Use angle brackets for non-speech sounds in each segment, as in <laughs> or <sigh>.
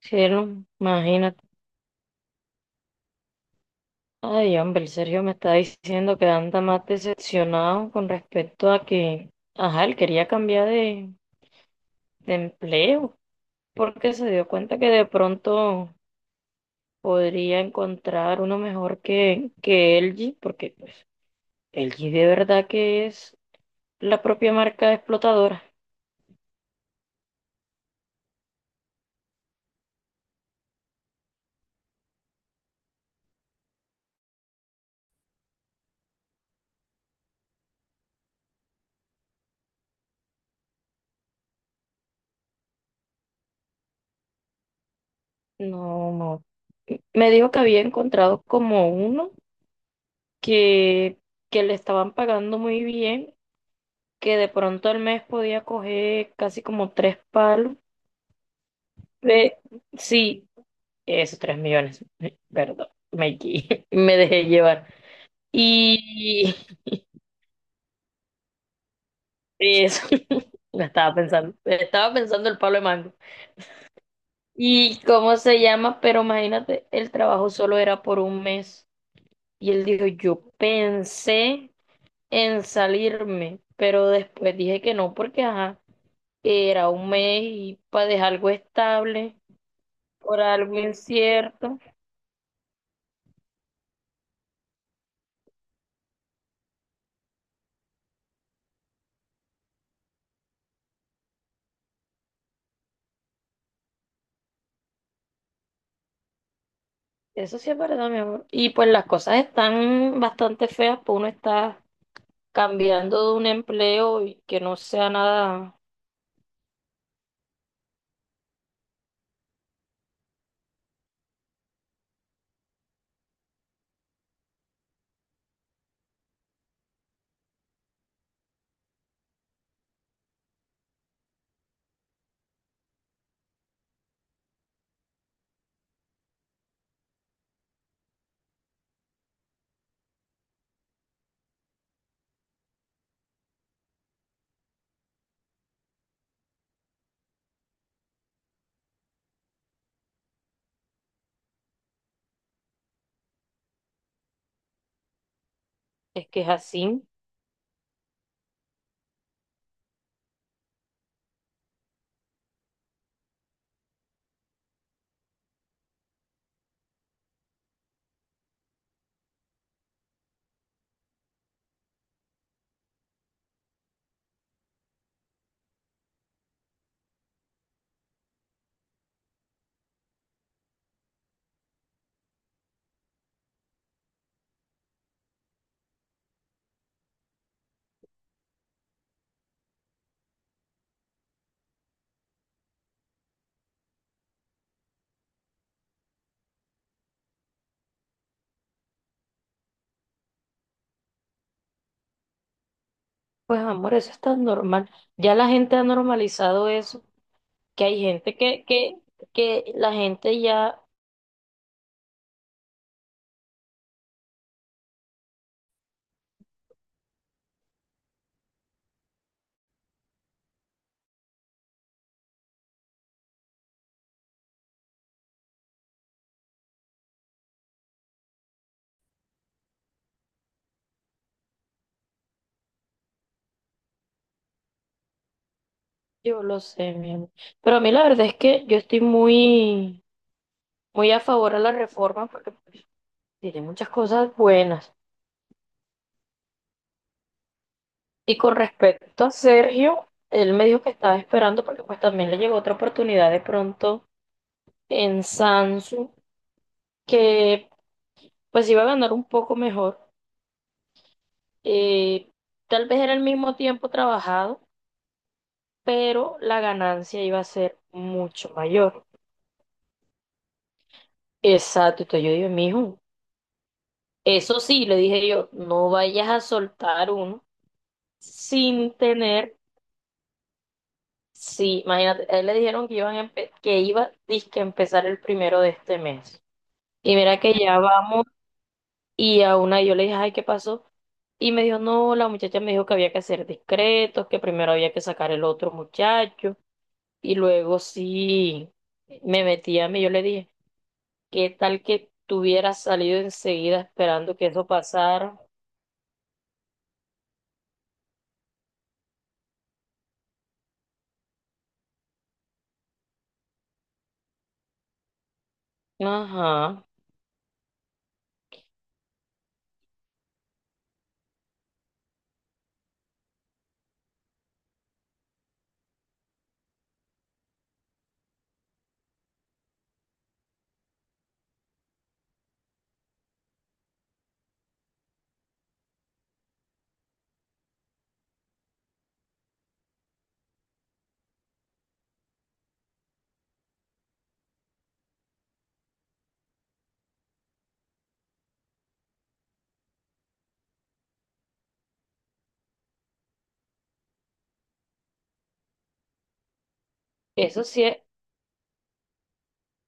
Cielo, imagínate. Ay, hombre, el Sergio me está diciendo que anda más decepcionado con respecto a que, ajá, él quería cambiar de empleo porque se dio cuenta que de pronto podría encontrar uno mejor que LG, porque pues LG de verdad que es la propia marca explotadora. No, no. Me dijo que había encontrado como uno que, que le estaban pagando muy bien que de pronto al mes podía coger casi como tres palos. Eh, sí, eso, 3 millones, <laughs> perdón, me equivoqué, <laughs> me dejé llevar. Y eso, <laughs> lo estaba pensando el palo de mango. ¿Y cómo se llama? Pero imagínate, el trabajo solo era por un mes. Y él dijo, yo pensé en salirme, pero después dije que no, porque ajá, era un mes y para dejar algo estable. Por algo incierto. Eso sí es verdad, mi amor. Y pues las cosas están bastante feas, pues uno está cambiando de un empleo y que no sea nada, es que es así. Pues amor, eso está normal. Ya la gente ha normalizado eso, que hay gente que la gente ya, yo lo sé, mi amor. Pero a mí la verdad es que yo estoy muy, muy a favor a la reforma porque pues, tiene muchas cosas buenas. Y con respecto a Sergio, él me dijo que estaba esperando porque pues también le llegó otra oportunidad de pronto en Samsung, que pues iba a ganar un poco mejor. Eh, tal vez era el mismo tiempo trabajado, pero la ganancia iba a ser mucho mayor. Exacto, entonces yo dije, mijo, eso sí, le dije yo, no vayas a soltar uno sin tener, sí, imagínate, a él le dijeron que iban a que iba, dizque, a empezar el primero de este mes. Y mira que ya vamos y a una yo le dije, ay, ¿qué pasó? Y me dijo, no, la muchacha me dijo que había que ser discretos, que primero había que sacar el otro muchacho. Y luego sí me metí a mí, yo le dije, ¿qué tal que tú hubieras salido enseguida esperando que eso pasara? Ajá, eso sí es,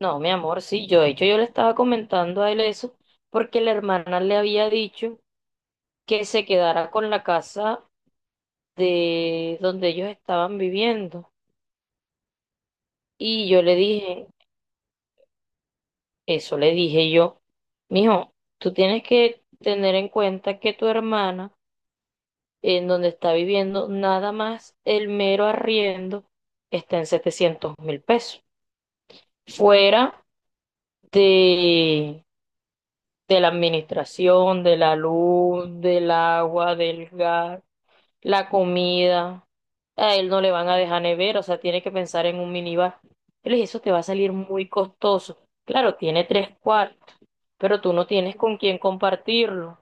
no, mi amor, sí, yo de hecho yo le estaba comentando a él eso porque la hermana le había dicho que se quedara con la casa de donde ellos estaban viviendo. Y yo le dije, eso le dije yo, mijo, tú tienes que tener en cuenta que tu hermana, en donde está viviendo, nada más el mero arriendo está en 700.000 pesos. Fuera de, de la administración, de la luz, del agua, del gas, la comida. A él no le van a dejar nevera, o sea, tiene que pensar en un minibar. Yo le dije, eso te va a salir muy costoso. Claro, tiene tres cuartos, pero tú no tienes con quién compartirlo.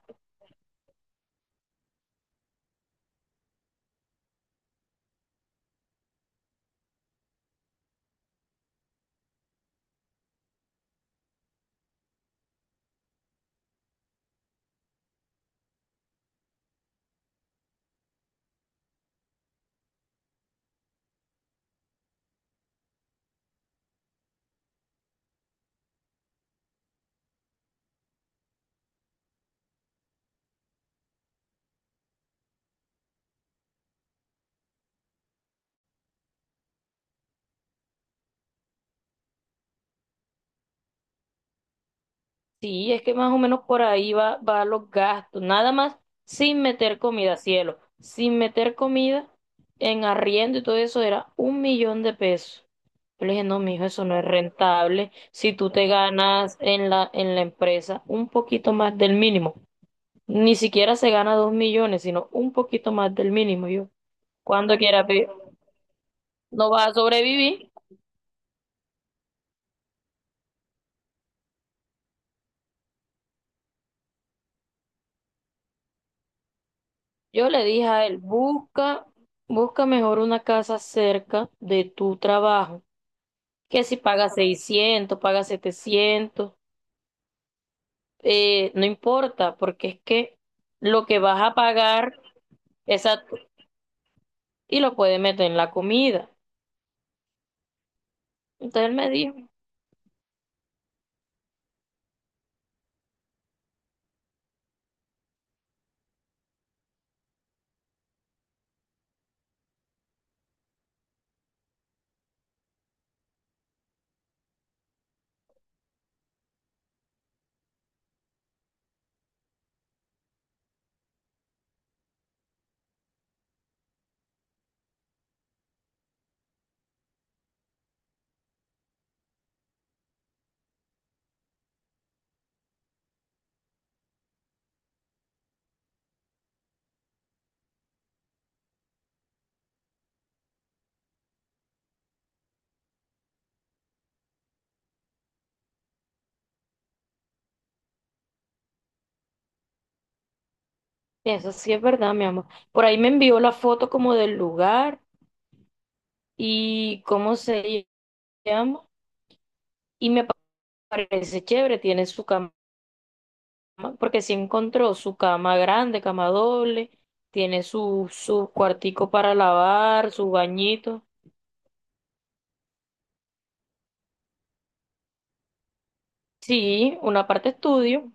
Sí, es que más o menos por ahí va, va los gastos, nada más sin meter comida, cielo, sin meter comida en arriendo y todo eso era 1 millón de pesos. Yo le dije, no, mijo, eso no es rentable. Si tú te ganas en la empresa un poquito más del mínimo, ni siquiera se gana 2 millones, sino un poquito más del mínimo. Yo, cuando quiera, no vas a sobrevivir. Yo le dije a él, busca, busca mejor una casa cerca de tu trabajo. Que si paga 600 paga 700, no importa, porque es que lo que vas a pagar, exacto, y lo puedes meter en la comida. Entonces él me dijo, eso sí es verdad, mi amor. Por ahí me envió la foto como del lugar y cómo se llama. Y me parece chévere, tiene su cama, porque sí encontró su cama grande, cama doble, tiene su, su cuartico para lavar, su bañito. Sí, una parte estudio,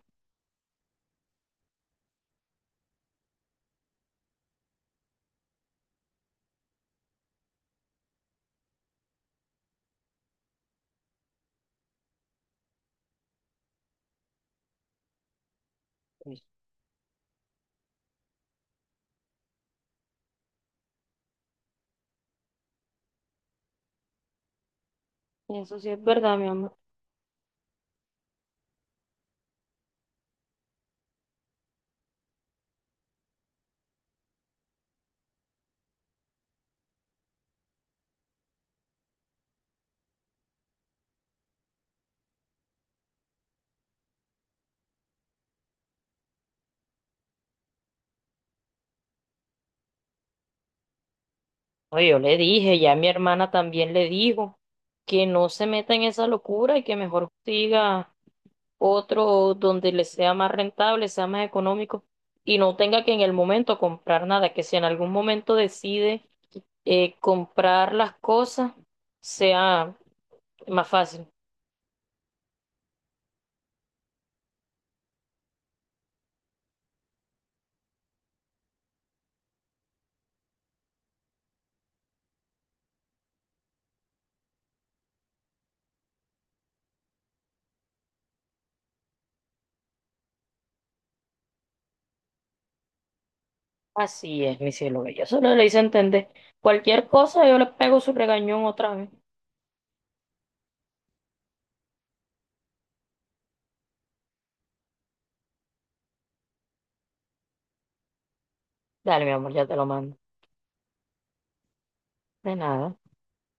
eso sí es verdad, mi amor. No, yo le dije, ya mi hermana también le dijo que no se meta en esa locura y que mejor siga otro donde le sea más rentable, sea más económico y no tenga que en el momento comprar nada, que si en algún momento decide comprar las cosas, sea más fácil. Así es, mi cielo bello. Solo le hice entender. Cualquier cosa, yo le pego su regañón otra vez. Dale, mi amor, ya te lo mando. De nada.